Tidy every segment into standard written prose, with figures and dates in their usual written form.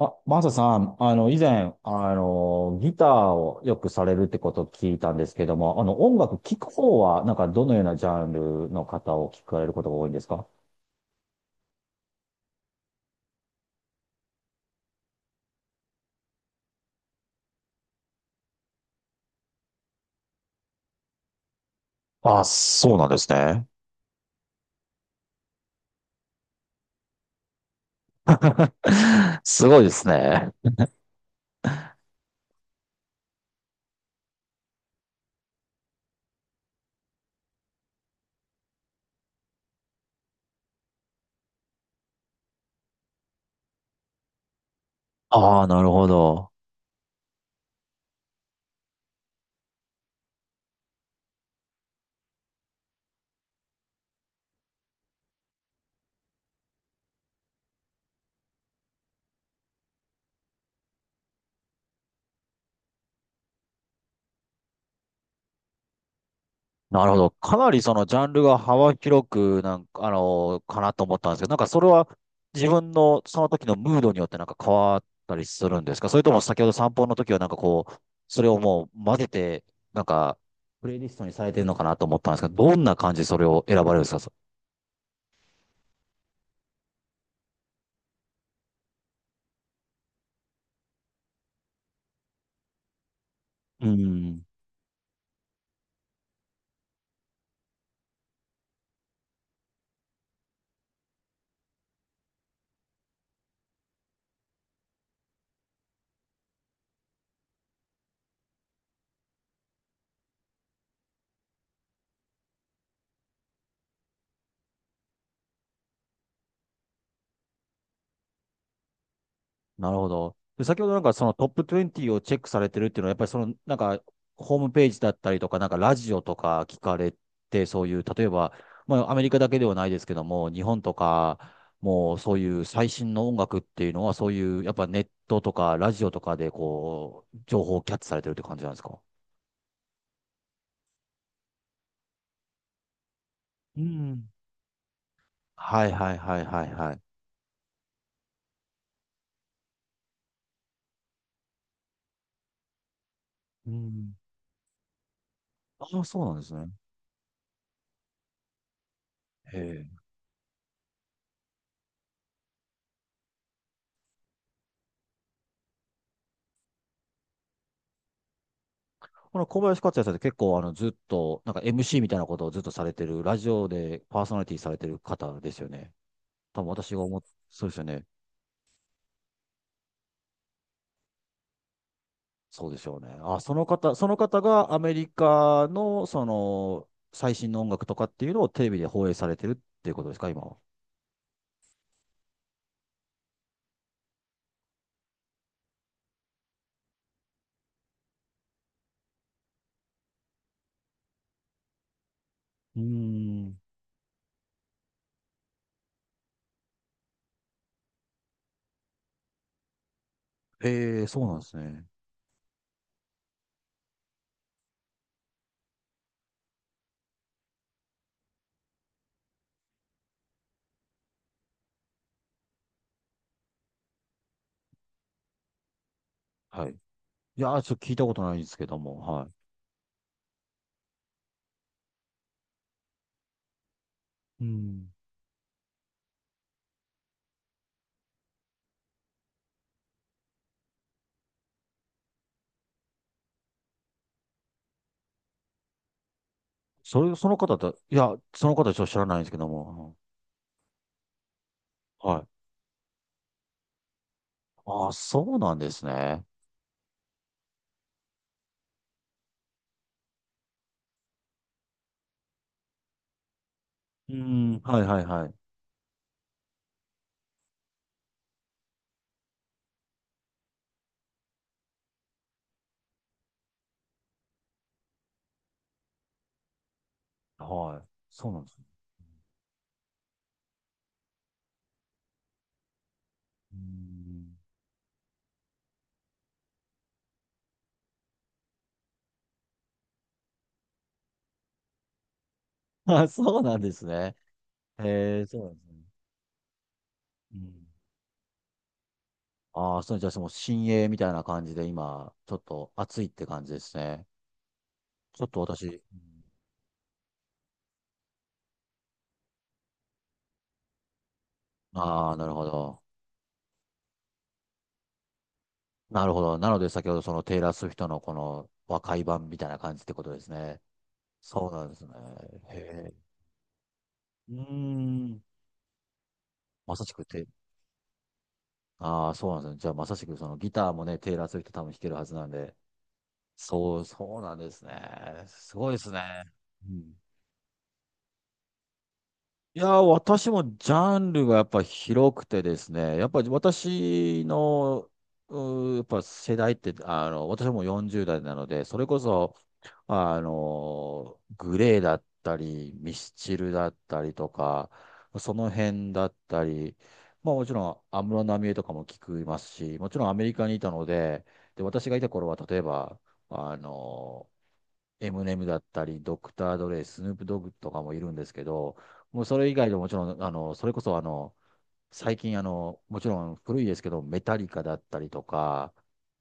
あ、マサさん、以前、ギターをよくされるってことを聞いたんですけども、音楽聴く方は、どのようなジャンルの方を聞かれることが多いんですか？あ、そうなんですね。すごいですね。ああ、なるほど。なるほど。かなりそのジャンルが幅広くかなと思ったんですけど、なんかそれは自分のその時のムードによってなんか変わったりするんですか？それとも先ほど散歩の時はなんかこう、それをもう混ぜて、なんか、プレイリストにされてるのかなと思ったんですけど、どんな感じでそれを選ばれるんですか？そうん。なるほど。で、先ほどなんかそのトップ20をチェックされてるっていうのは、やっぱりそのなんかホームページだったりとか、なんかラジオとか聞かれて、そういう、例えば、まあアメリカだけではないですけども、日本とか、もうそういう最新の音楽っていうのは、そういう、やっぱネットとかラジオとかでこう、情報をキャッチされてるって感じなんですか？うん。はいはいはいはいはい。うん。ああ、そうなんですね。へえ。この小林克也さんって結構あのずっと、なんか MC みたいなことをずっとされてる、ラジオでパーソナリティされてる方ですよね。多分私が思っ、そうですよね。そうでしょうね。あ、その方、その方がアメリカのその最新の音楽とかっていうのをテレビで放映されてるっていうことですか、今は？うーん。ええ、そうなんですね。はい。いやー、ちょっと聞いたことないんですけども、はい。うん。それ、その方だ、いや、その方ちょっと知らないんですけども、はい。ああ、そうなんですね。うーん、はいはいはい。はい。そうなんですね。うーん。あ、そうなんですね。へえ、そうなんですね。うん。ああ、そう、じゃあその新鋭みたいな感じで今、ちょっと暑いって感じですね。ちょっと私、うん。ああ、なるほど。なるほど。なので先ほどそのテイラー・スウィフトのこの和解版みたいな感じってことですね。そうなんですね。へえ。うーん。まさしくて、ああ、そうなんですね。じゃあまさしくそのギターもね、テイラー・スウィフト多分弾けるはずなんで、そう、そうなんですね。すごいですね。うん。いやー、私もジャンルがやっぱ広くてですね、やっぱり私の、うー、やっぱ世代って、私も40代なので、それこそ、グレーだったり、ミスチルだったりとか、その辺だったり、まあもちろん安室奈美恵とかも聞きますし、もちろんアメリカにいたので、で、私がいた頃は例えば、あの、エムネムだったり、ドクター・ドレイ、スヌープ・ドッグとかもいるんですけど、もうそれ以外でももちろん、あの、それこそあの、最近もちろん古いですけど、メタリカだったりとか、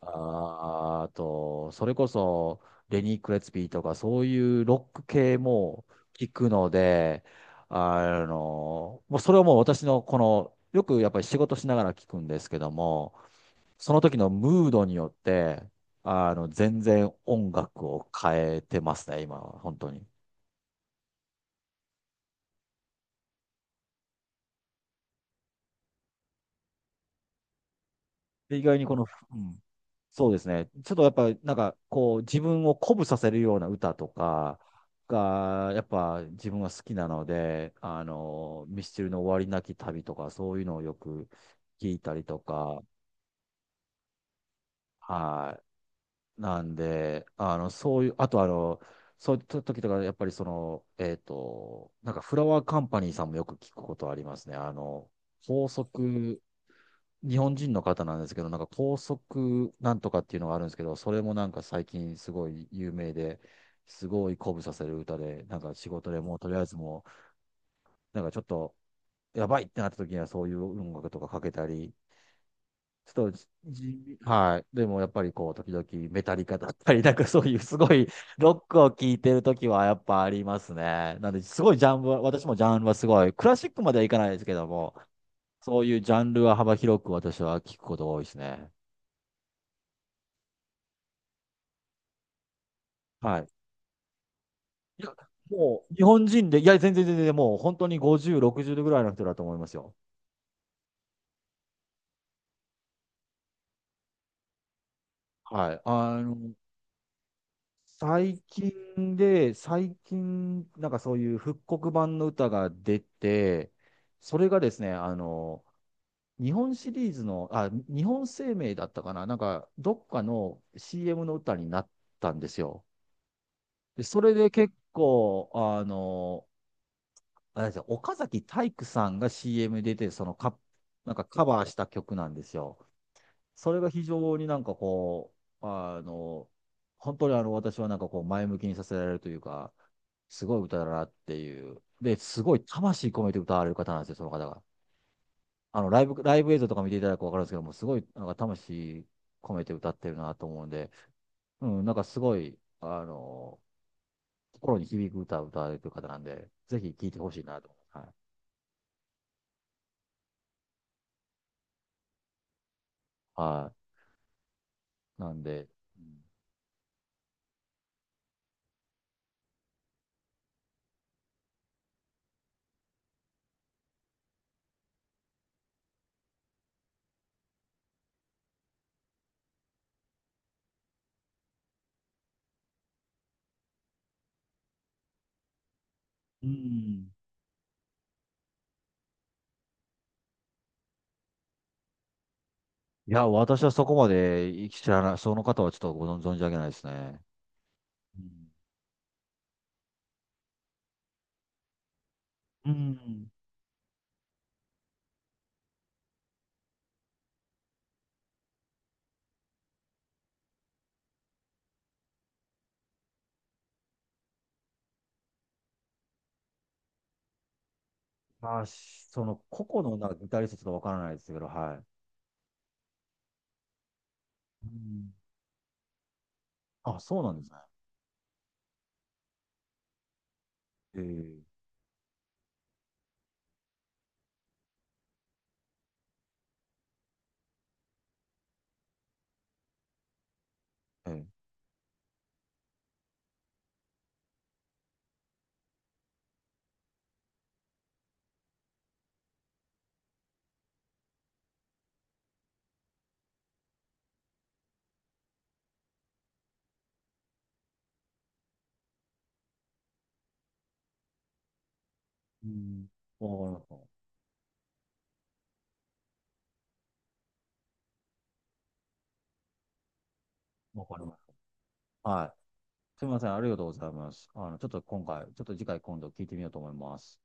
あ、あと、それこそレニー・クレツピーとか、そういうロック系も聞くので、もうそれはもう私のこの、よくやっぱり仕事しながら聞くんですけども、その時のムードによって、全然音楽を変えてますね、今は、本当に。で、意外にこの、うん、そうですね、ちょっとやっぱ、なんか、こう、自分を鼓舞させるような歌とかが、やっぱ自分は好きなので、ミスチルの終わりなき旅とか、そういうのをよく聞いたりとか、はい。なんで、あの、そういう、あとあの、そういう時とか、やっぱりその、なんかフラワーカンパニーさんもよく聞くことありますね。高速、日本人の方なんですけど、なんか高速なんとかっていうのがあるんですけど、それもなんか最近すごい有名で、すごい鼓舞させる歌で、なんか仕事でもうとりあえずもう、なんかちょっとやばいってなった時にはそういう音楽とかかけたり、ちょっとじ、はい。でもやっぱりこう、時々メタリカだったり、なんかそういうすごいロックを聴いてる時はやっぱありますね。なんで、すごいジャンルは、私もジャンルはすごい、クラシックまではいかないですけども、そういうジャンルは幅広く私は聞くことが多いですね。はい。いや、もう日本人で、いや、全然全然、もう本当に50、60ぐらいの人だと思いますよ。はい。最近で、最近、なんかそういう復刻版の歌が出て、それがですね、日本シリーズの、あ、日本生命だったかな、なんか、どっかの CM の歌になったんですよ。で、それで結構、あれですよ、岡崎体育さんが CM 出て、そのカ、なんかカバーした曲なんですよ。それが非常になんかこう、本当にあの私はなんかこう前向きにさせられるというか、すごい歌だなっていう。で、すごい魂込めて歌われる方なんですよ、その方が。ライブ映像とか見ていただくとわかるんですけども、すごいなんか魂込めて歌ってるなと思うんで、うん、なんかすごい、心に響く歌を歌われてる方なんで、ぜひ聴いてほしいなと。はい。はい。なんで、うんうん。いや、私はそこまで知らない、その方はちょっとご存存じ上げないですね。うん。うん。まあ、しその個々のなんかギタリストちょっとわからないですけど、はい。うん。あ、そうなんですね。ええええ。うん。わかります。わかります。はい。すみません、ありがとうございます。ちょっと今回、ちょっと次回今度聞いてみようと思います。